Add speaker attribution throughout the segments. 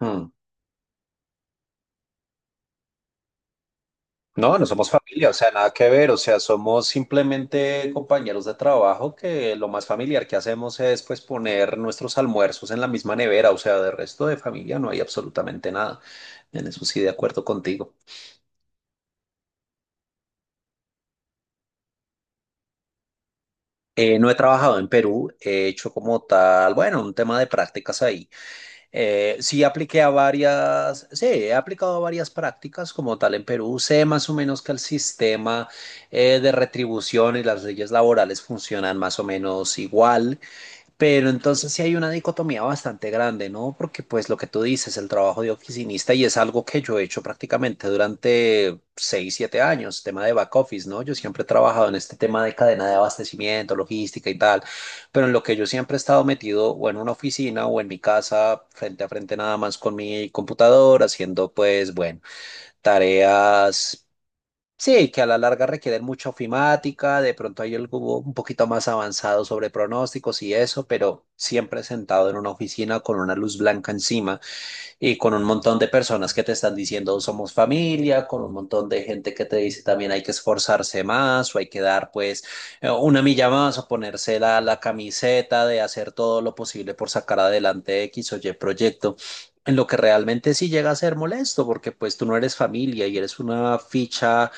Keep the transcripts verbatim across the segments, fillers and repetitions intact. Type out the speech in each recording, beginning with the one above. Speaker 1: Mm. No, no somos familia, o sea, nada que ver, o sea, somos simplemente compañeros de trabajo que lo más familiar que hacemos es pues poner nuestros almuerzos en la misma nevera, o sea, de resto de familia no hay absolutamente nada. En eso sí, de acuerdo contigo. Eh, no he trabajado en Perú, he hecho como tal, bueno, un tema de prácticas ahí. Eh, sí apliqué a varias, sí, he aplicado a varias prácticas como tal en Perú. Sé más o menos que el sistema eh, de retribución y las leyes laborales funcionan más o menos igual. Pero entonces sí hay una dicotomía bastante grande, ¿no? Porque pues lo que tú dices, el trabajo de oficinista y es algo que yo he hecho prácticamente durante seis siete años, tema de back office, ¿no? Yo siempre he trabajado en este tema de cadena de abastecimiento, logística y tal, pero en lo que yo siempre he estado metido o en una oficina o en mi casa, frente a frente nada más con mi computador, haciendo pues, bueno, tareas. Sí, que a la larga requieren mucha ofimática, de pronto hay algo un poquito más avanzado sobre pronósticos y eso, pero siempre sentado en una oficina con una luz blanca encima y con un montón de personas que te están diciendo somos familia, con un montón de gente que te dice también hay que esforzarse más o hay que dar pues eh, una milla más o ponerse la, la camiseta de hacer todo lo posible por sacar adelante X o Y proyecto en lo que realmente sí llega a ser molesto, porque pues tú no eres familia y eres una ficha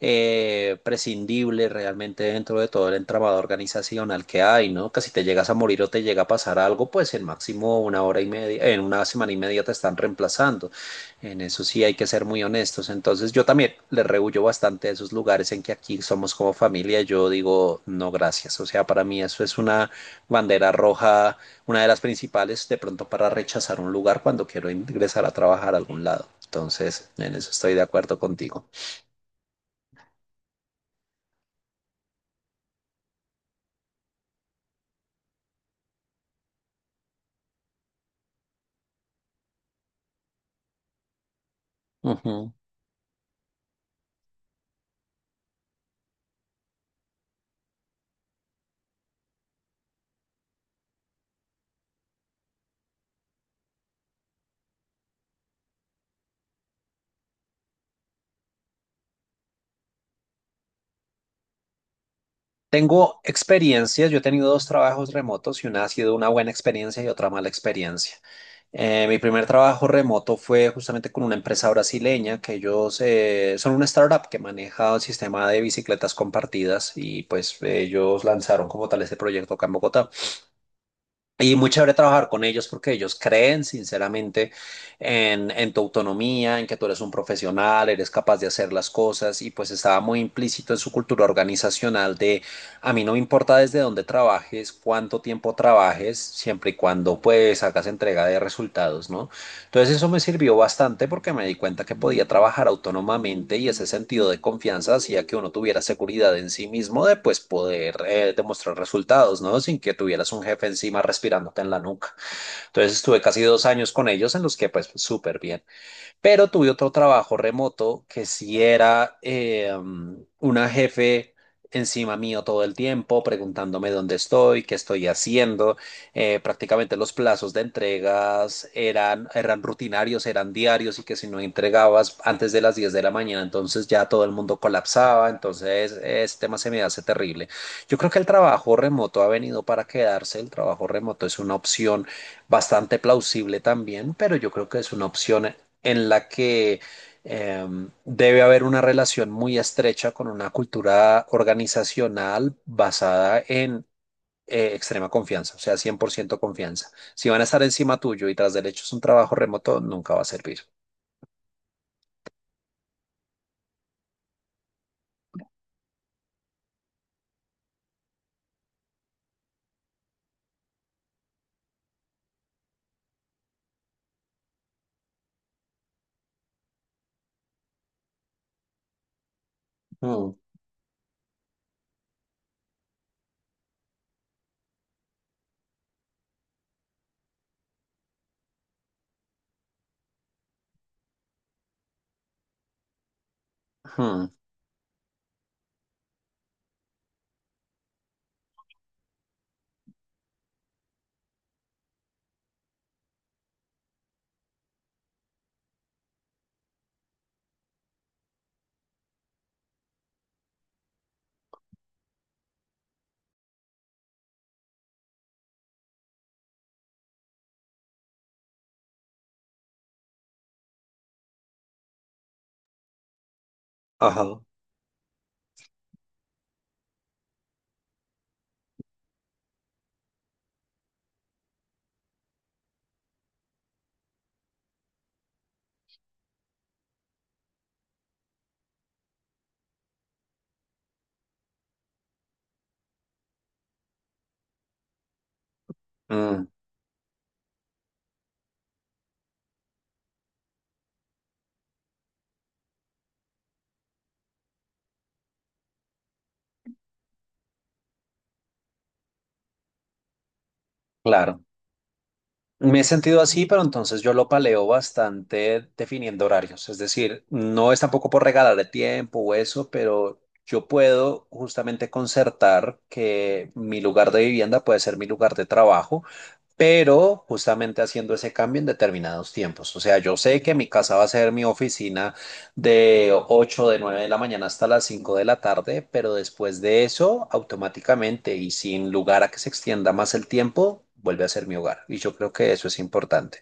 Speaker 1: eh, prescindible realmente dentro de todo el entramado organizacional que hay, ¿no? Que si te llegas a morir o te llega a pasar algo, pues en máximo una hora y media, en una semana y media te están reemplazando. En eso sí hay que ser muy honestos. Entonces yo también le rehuyo bastante a esos lugares en que aquí somos como familia. Yo digo, no, gracias. O sea, para mí eso es una bandera roja, una de las principales de pronto para rechazar un lugar cuando quiero ingresar a trabajar a algún lado. Entonces, en eso estoy de acuerdo contigo. Ujú. Tengo experiencias, yo he tenido dos trabajos remotos y una ha sido una buena experiencia y otra mala experiencia. Eh, mi primer trabajo remoto fue justamente con una empresa brasileña que ellos eh, son una startup que maneja un sistema de bicicletas compartidas y pues ellos lanzaron como tal este proyecto acá en Bogotá. Y muy chévere trabajar con ellos porque ellos creen sinceramente en, en tu autonomía, en que tú eres un profesional, eres capaz de hacer las cosas y pues estaba muy implícito en su cultura organizacional de a mí no me importa desde dónde trabajes, cuánto tiempo trabajes, siempre y cuando pues hagas entrega de resultados, ¿no? Entonces eso me sirvió bastante porque me di cuenta que podía trabajar autónomamente y ese sentido de confianza hacía que uno tuviera seguridad en sí mismo de pues poder eh, demostrar resultados, ¿no? Sin que tuvieras un jefe encima respirándote en la nuca. Entonces estuve casi dos años con ellos en los que pues súper bien. Pero tuve otro trabajo remoto que sí era eh, um, una jefe encima mío todo el tiempo, preguntándome dónde estoy, qué estoy haciendo. Eh, prácticamente los plazos de entregas eran, eran rutinarios, eran diarios y que si no entregabas antes de las diez de la mañana, entonces ya todo el mundo colapsaba. Entonces, este tema se me hace terrible. Yo creo que el trabajo remoto ha venido para quedarse. El trabajo remoto es una opción bastante plausible también, pero yo creo que es una opción en la que em, debe haber una relación muy estrecha con una cultura organizacional basada en eh, extrema confianza, o sea, cien por ciento confianza. Si van a estar encima tuyo y tras del hecho es un trabajo remoto, nunca va a servir. Mm, mm, ajá, mm, claro. Me he sentido así, pero entonces yo lo paleo bastante definiendo horarios. Es decir, no es tampoco por regalarle tiempo o eso, pero yo puedo justamente concertar que mi lugar de vivienda puede ser mi lugar de trabajo pero justamente haciendo ese cambio en determinados tiempos. O sea, yo sé que mi casa va a ser mi oficina de ocho de nueve de la mañana hasta las cinco de la tarde, pero después de eso, automáticamente y sin lugar a que se extienda más el tiempo, vuelve a ser mi hogar. Y yo creo que eso es importante.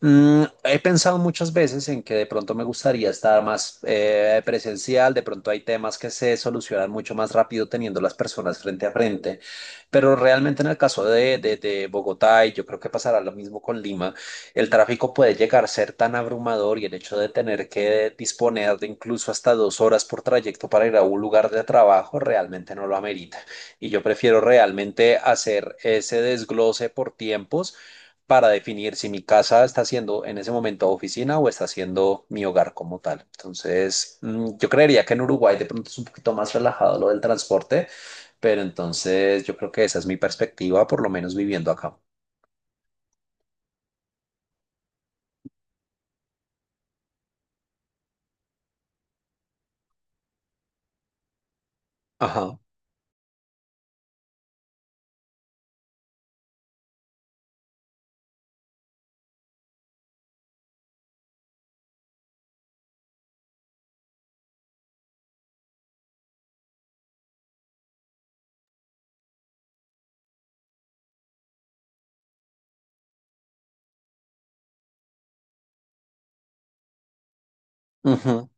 Speaker 1: Mm, he pensado muchas veces en que de pronto me gustaría estar más eh, presencial, de pronto hay temas que se solucionan mucho más rápido teniendo las personas frente a frente, pero realmente en el caso de, de, de Bogotá, y yo creo que pasará lo mismo con Lima, el tráfico puede llegar a ser tan abrumador y el hecho de tener que disponer de incluso hasta dos horas por trayecto para ir a un lugar de trabajo realmente no lo amerita. Y yo prefiero realmente hacer ese desglose por tiempos para definir si mi casa está siendo en ese momento oficina o está siendo mi hogar como tal. Entonces, mm, yo creería que en Uruguay de pronto es un poquito más relajado lo del transporte, pero entonces yo creo que esa es mi perspectiva, por lo menos viviendo acá. Ajá. Ujú,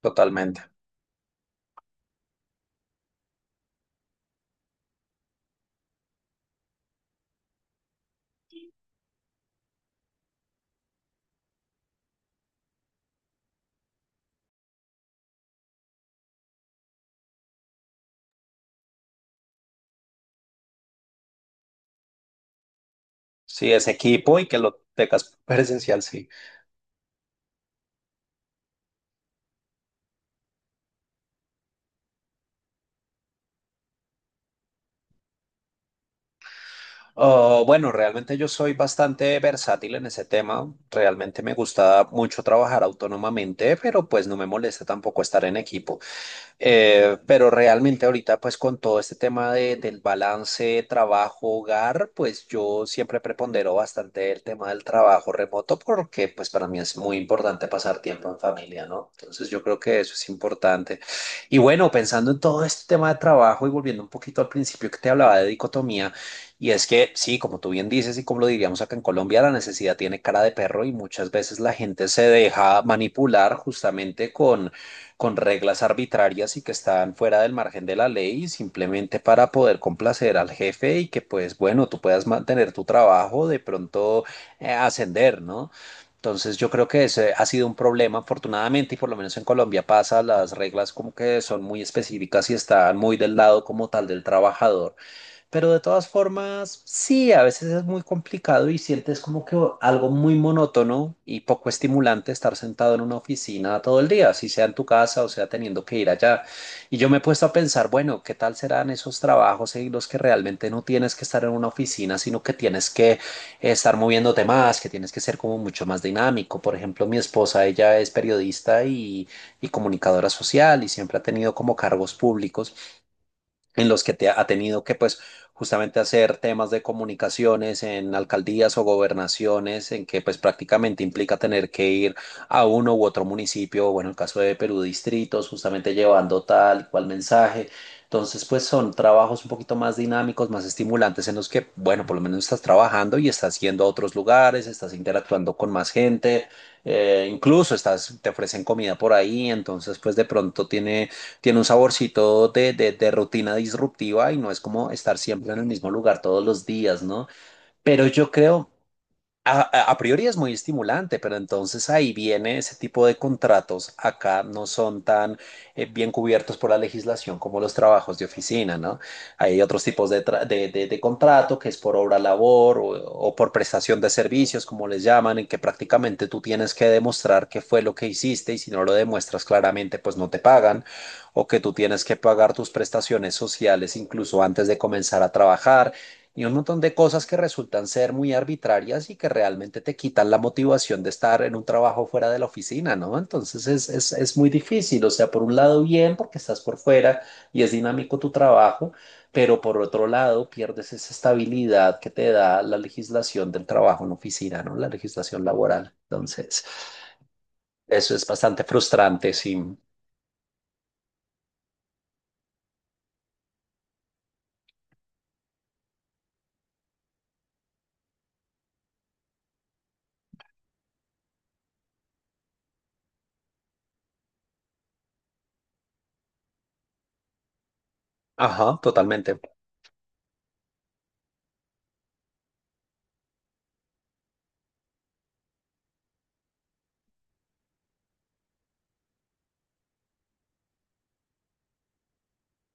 Speaker 1: totalmente. Sí, es equipo y que lo tengas presencial, sí. Oh, bueno, realmente yo soy bastante versátil en ese tema. Realmente me gusta mucho trabajar autónomamente, pero pues no me molesta tampoco estar en equipo. Eh, pero realmente ahorita, pues con todo este tema de- del balance trabajo-hogar, pues yo siempre prepondero bastante el tema del trabajo remoto porque pues para mí es muy importante pasar tiempo en familia, ¿no? Entonces yo creo que eso es importante. Y bueno, pensando en todo este tema de trabajo y volviendo un poquito al principio que te hablaba de dicotomía, y es que sí, como tú bien dices y como lo diríamos acá en Colombia, la necesidad tiene cara de perro y muchas veces la gente se deja manipular justamente con con reglas arbitrarias y que están fuera del margen de la ley simplemente para poder complacer al jefe y que pues bueno, tú puedas mantener tu trabajo, de pronto eh, ascender, ¿no? Entonces yo creo que ese ha sido un problema, afortunadamente, y por lo menos en Colombia pasa, las reglas como que son muy específicas y están muy del lado como tal del trabajador. Pero de todas formas, sí, a veces es muy complicado y sientes como que algo muy monótono y poco estimulante estar sentado en una oficina todo el día, si sea en tu casa o sea teniendo que ir allá. Y yo me he puesto a pensar, bueno, ¿qué tal serán esos trabajos en los que realmente no tienes que estar en una oficina, sino que tienes que estar moviéndote más, que tienes que ser como mucho más dinámico? Por ejemplo, mi esposa, ella es periodista y y comunicadora social y siempre ha tenido como cargos públicos en los que te ha tenido que, pues, justamente hacer temas de comunicaciones en alcaldías o gobernaciones, en que, pues, prácticamente implica tener que ir a uno u otro municipio, o, bueno, en el caso de Perú, distritos, justamente llevando tal y cual mensaje. Entonces, pues, son trabajos un poquito más dinámicos, más estimulantes, en los que, bueno, por lo menos estás trabajando y estás yendo a otros lugares, estás interactuando con más gente, eh, incluso estás, te ofrecen comida por ahí, entonces, pues, de pronto tiene tiene un saborcito de, de, de rutina disruptiva y no es como estar siempre en el mismo lugar todos los días, ¿no? Pero yo creo a, a priori es muy estimulante, pero entonces ahí viene ese tipo de contratos. Acá no son tan eh, bien cubiertos por la legislación como los trabajos de oficina, ¿no? Hay otros tipos de, tra- de, de- de contrato que es por obra labor o, o por prestación de servicios, como les llaman, en que prácticamente tú tienes que demostrar qué fue lo que hiciste y si no lo demuestras claramente, pues no te pagan, o que tú tienes que pagar tus prestaciones sociales incluso antes de comenzar a trabajar y un montón de cosas que resultan ser muy arbitrarias y que realmente te quitan la motivación de estar en un trabajo fuera de la oficina, ¿no? Entonces es, es, es muy difícil, o sea, por un lado bien porque estás por fuera y es dinámico tu trabajo, pero por otro lado pierdes esa estabilidad que te da la legislación del trabajo en oficina, ¿no? La legislación laboral. Entonces, eso es bastante frustrante, sí. Ajá, totalmente.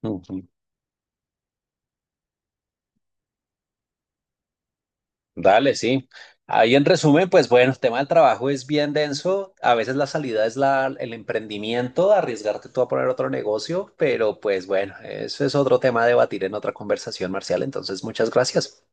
Speaker 1: Ujú. Dale, sí. Ahí en resumen, pues bueno, el tema del trabajo es bien denso. A veces la salida es la, el emprendimiento, arriesgarte tú a poner otro negocio, pero pues bueno, eso es otro tema a debatir en otra conversación, Marcial. Entonces, muchas gracias.